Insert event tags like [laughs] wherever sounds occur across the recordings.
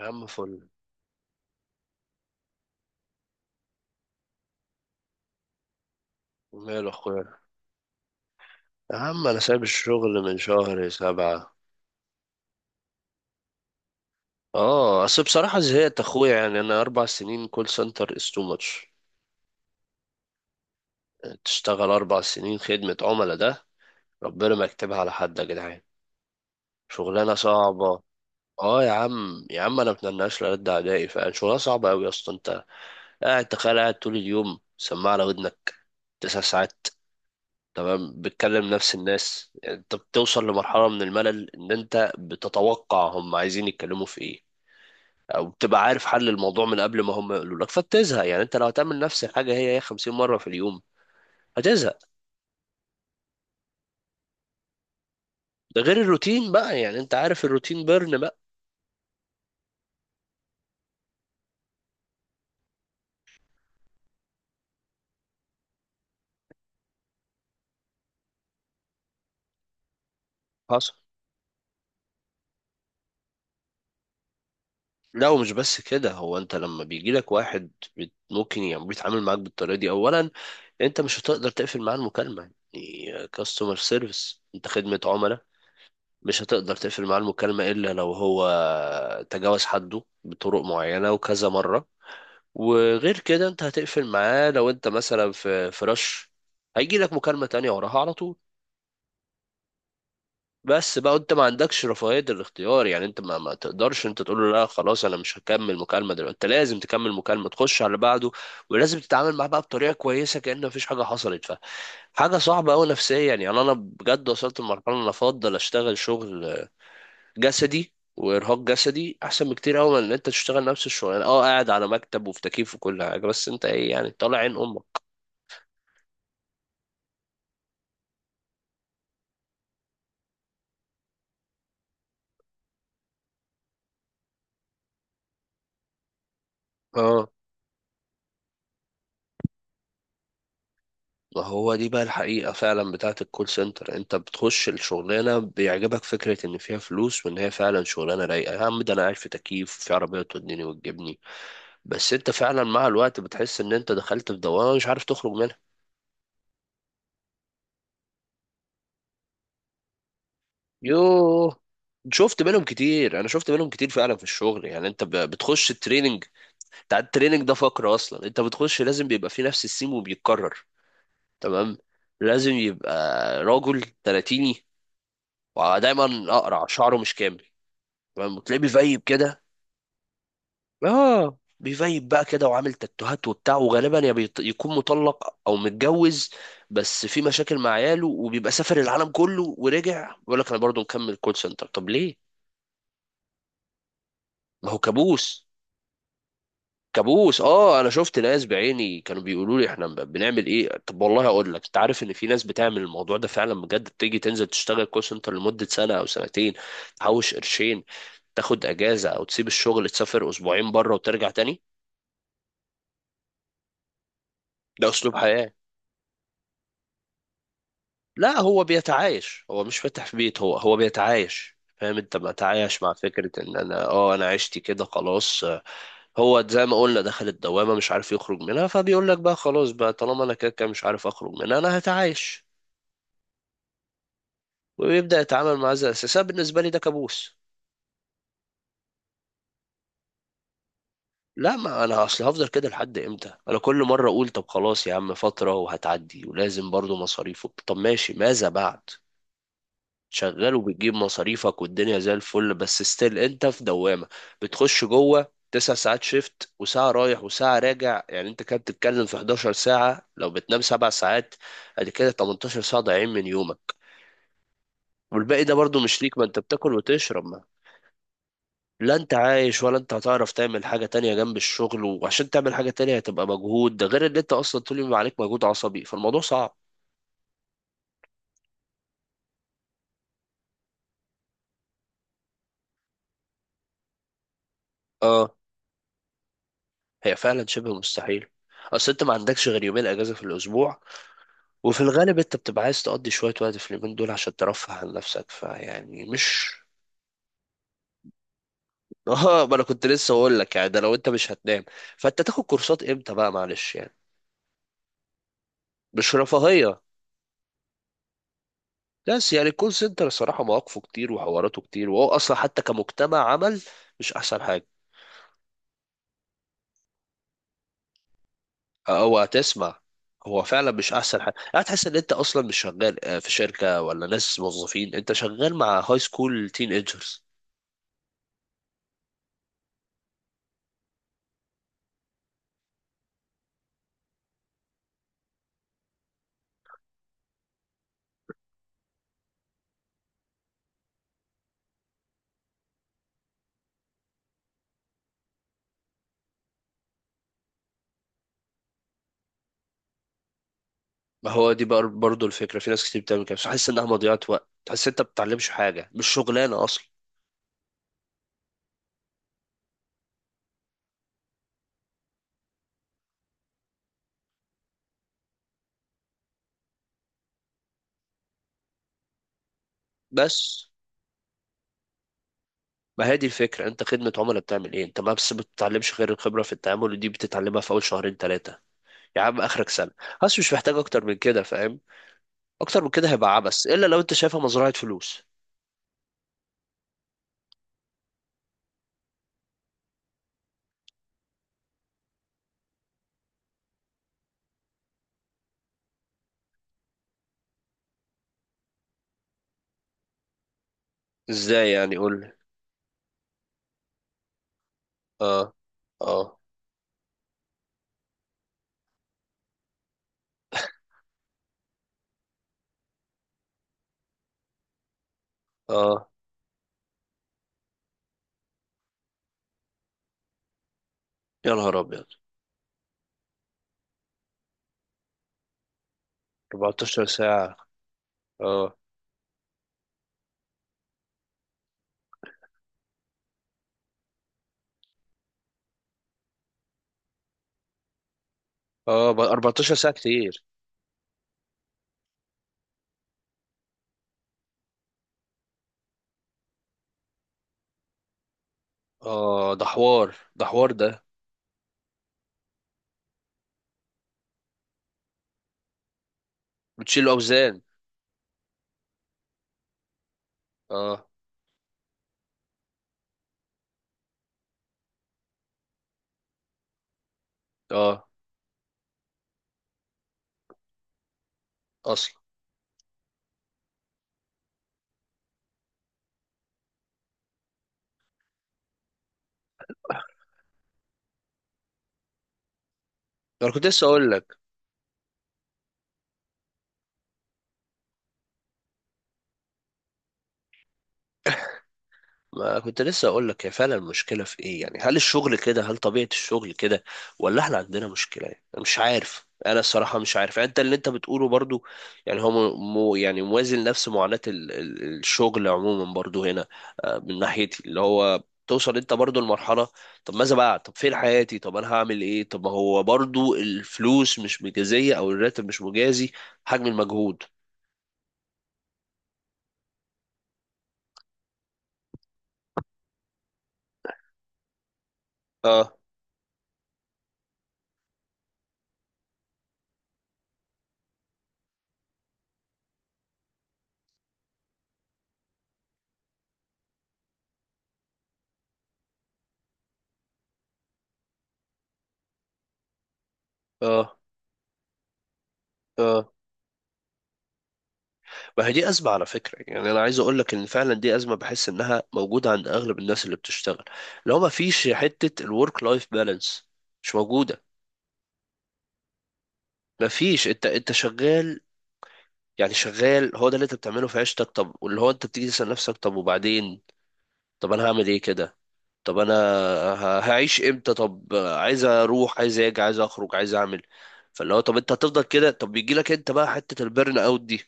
يا عم فل. وماله اخويا. يا عم انا سايب الشغل من شهر سبعة. اه، اصل بصراحة زهقت اخويا، يعني انا 4 سنين كول سنتر، از تو ماتش. تشتغل اربع سنين خدمة عملاء ده، ربنا ما يكتبها على حد يا جدعان. شغلانة صعبة. اه يا عم، يا عم انا متناش لرد اعدائي، فعلا شغلانة صعبة اوي يا اسطى. انت قاعد، تخيل قاعد طول اليوم سماعة على ودنك 9 ساعات، تمام، بتكلم نفس الناس، يعني انت بتوصل لمرحلة من الملل ان انت بتتوقع هم عايزين يتكلموا في ايه، او بتبقى عارف حل الموضوع من قبل ما هم يقولوا لك فبتزهق. يعني انت لو هتعمل نفس الحاجة هي هي 50 مرة في اليوم هتزهق. ده غير الروتين بقى، يعني انت عارف الروتين بيرن بقى. حصل. لا ومش بس كده، هو انت لما بيجي لك واحد ممكن يعني بيتعامل معاك بالطريقة دي اولا، انت مش هتقدر تقفل معاه المكالمة، يعني كاستمر سيرفيس انت خدمة عملاء. مش هتقدر تقفل معاه المكالمة إلا لو هو تجاوز حده بطرق معينة وكذا مرة. وغير كده أنت هتقفل معاه لو أنت مثلا في رش هيجي لك مكالمة تانية وراها على طول. بس بقى أنت ما عندكش رفاهية الاختيار، يعني أنت ما تقدرش أنت تقول له لا خلاص أنا مش هكمل مكالمة دلوقتي، أنت لازم تكمل مكالمة تخش على اللي بعده. ولازم تتعامل معاه بقى بطريقة كويسة كأن مفيش حاجة حصلت. فحاجة صعبة أوي نفسيا، يعني أنا بجد وصلت لمرحلة أنا أفضل أشتغل شغل جسدي، وارهاق جسدي احسن بكتير قوي من ان انت تشتغل نفس الشغلانه، اه قاعد على مكتب وفي تكييف وكل حاجه بس انت ايه يعني طالع عين امك. اه ما هو دي بقى الحقيقه فعلا بتاعت الكول سنتر، انت بتخش الشغلانه بيعجبك فكره ان فيها فلوس وان هي فعلا شغلانه رايقه، يا عم ده انا قاعد في تكييف وفي عربيه توديني وتجيبني، بس انت فعلا مع الوقت بتحس ان انت دخلت في دوامه مش عارف تخرج منها. يوه. شفت منهم كتير، انا شفت منهم كتير فعلا في الشغل. يعني انت بتخش التريننج، بتاع التريننج ده فقرة أصلا، أنت بتخش لازم بيبقى فيه نفس السيم وبيتكرر. تمام. لازم يبقى راجل تلاتيني ودايما أقرع شعره مش كامل، تمام، وتلاقيه بيفيب كده. آه، بيفيب بقى كده وعامل تاتوهات وبتاع، وغالبا يكون مطلق أو متجوز بس في مشاكل مع عياله، وبيبقى سافر العالم كله ورجع بيقول لك أنا برضه مكمل كول سنتر. طب ليه؟ ما هو كابوس. كابوس. اه انا شفت ناس بعيني كانوا بيقولوا لي احنا بنعمل ايه. طب والله اقول لك، انت عارف ان في ناس بتعمل الموضوع ده فعلا بجد، بتيجي تنزل تشتغل كول سنتر لمده سنه او سنتين، تحوش قرشين، تاخد اجازه او تسيب الشغل تسافر اسبوعين بره وترجع تاني. ده اسلوب حياه. لا هو بيتعايش، هو مش فاتح في بيت، هو هو بيتعايش، فاهم، انت بتعايش مع فكره ان انا عشتي كده خلاص. هو زي ما قلنا دخل الدوامه مش عارف يخرج منها، فبيقول لك بقى خلاص بقى طالما انا كده كده مش عارف اخرج منها انا هتعايش. ويبدأ يتعامل معاه زي الأساس. أنا بالنسبة لي ده كابوس. لا، ما أنا أصل هفضل كده لحد إمتى، أنا كل مرة أقول طب خلاص يا عم فترة وهتعدي، ولازم برضو مصاريفه، طب ماشي ماذا بعد، شغال وبتجيب مصاريفك والدنيا زي الفل، بس ستيل أنت في دوامة. بتخش جوه 9 ساعات شيفت، وساعة رايح وساعة راجع، يعني أنت كده بتتكلم في 11 ساعة، لو بتنام 7 ساعات أدي كده 18 ساعة ضايعين من يومك، والباقي ده برضو مش ليك، ما أنت بتاكل وتشرب. لا انت عايش، ولا انت هتعرف تعمل حاجة تانية جنب الشغل، وعشان تعمل حاجة تانية هتبقى مجهود، ده غير ان انت اصلا طول اليوم عليك مجهود عصبي، فالموضوع صعب. اه. هي فعلا شبه مستحيل. اصل انت ما عندكش غير يومين اجازة في الاسبوع، وفي الغالب انت بتبقى عايز تقضي شوية وقت في اليومين دول عشان ترفه عن نفسك، فيعني مش. [laughs] اه، ما انا كنت لسه اقول لك، يعني ده لو انت مش هتنام فانت تاخد كورسات امتى بقى معلش يعني. مش رفاهية. بس يعني الكول سنتر الصراحة مواقفه كتير وحواراته كتير، وهو اصلا حتى كمجتمع عمل مش احسن حاجة. هو هتسمع. هو فعلا مش احسن حاجه، هتحس ان انت اصلا مش شغال آه، في شركه ولا ناس موظفين، انت شغال مع هاي سكول تين ايجرز. ما هو دي بقى برضه الفكره، في ناس كتير بتعمل كده، تحس انها مضيعه وقت، تحس انت بتتعلمش حاجه، مش شغلانه اصلا. بس. ما هي دي الفكره، انت خدمه عملاء بتعمل ايه؟ انت ما بس بتتعلمش غير الخبره في التعامل ودي بتتعلمها في اول شهرين ثلاثه، يا عم اخرك سنه. بس مش محتاج اكتر من كده، فاهم. اكتر من كده هيبقى عبث الا لو انت شايفها مزرعه فلوس. ازاي يعني؟ قول لي. اه. اه. اه. يا نهار ابيض. 14 ساعة؟ اه. اه 14 ساعة كتير. اه ده حوار، ده حوار ده. بتشيلوا اوزان؟ اه. اه اصلا. انا كنت لسه اقول لك. ما كنت لسه اقول لك، هي فعلا المشكله في ايه، يعني هل الشغل كده هل طبيعه الشغل كده، ولا احنا عندنا مشكله، يعني انا مش عارف، انا الصراحه مش عارف، يعني انت اللي انت بتقوله برضو، يعني هو يعني موازن نفس معاناه الشغل عموما برضو هنا. آه، من ناحيتي اللي هو توصل انت برضو لمرحله طب ماذا بعد، طب فين حياتي، طب انا هعمل ايه، طب ما هو برضو الفلوس مش مجازيه او الراتب مش مجازي حجم المجهود. اه. اه. اه. ما هي دي أزمة على فكرة، يعني أنا عايز أقول لك إن فعلا دي أزمة، بحس إنها موجودة عند أغلب الناس اللي بتشتغل لو ما فيش حتة الورك لايف بالانس. مش موجودة. ما فيش، أنت أنت شغال، يعني شغال، هو ده اللي أنت بتعمله في عيشتك. طب واللي هو أنت بتيجي تسأل نفسك طب وبعدين، طب أنا هعمل إيه كده، طب أنا هعيش إمتى، طب عايز أروح عايز أجي عايز أخرج عايز أعمل، فاللي هو طب أنت هتفضل كده، طب بيجي لك أنت بقى حتة البرن أوت دي،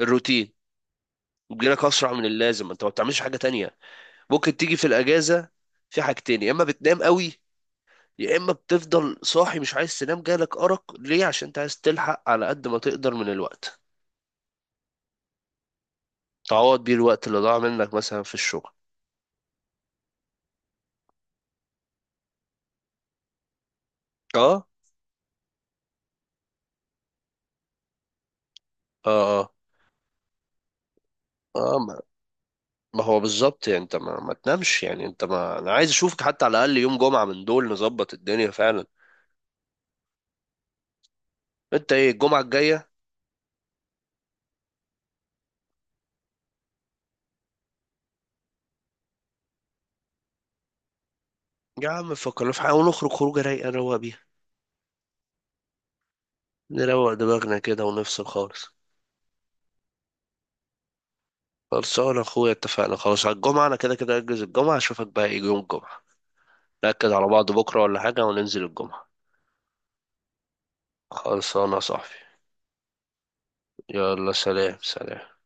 الروتين. بيجي لك أسرع من اللازم، أنت ما بتعملش حاجة تانية. ممكن تيجي في الاجازه في حاجتين: يا اما بتنام قوي، يا اما بتفضل صاحي مش عايز تنام، جالك ارق ليه؟ عشان انت عايز تلحق على قد ما تقدر من الوقت، تعوض بيه الوقت اللي ضاع منك مثلا في الشغل. اه. اه. اه. اه. ما هو بالظبط، يعني انت ما تنامش، يعني انت، ما انا عايز اشوفك حتى على الاقل يوم جمعه من دول نظبط الدنيا فعلا. انت ايه الجمعه الجايه؟ يا عم فكرنا في حاجه ونخرج خروجه رايقه نروق بيها، نروق دماغنا كده ونفصل خالص. خلصانة اخويا اتفقنا خلاص على الجمعة، انا كده كده اجهز الجمعة، اشوفك بقى ايه يوم الجمعة، نأكد على بعض بكرة ولا حاجة وننزل الجمعة. خلصانة يا صاحبي. يلا سلام سلام.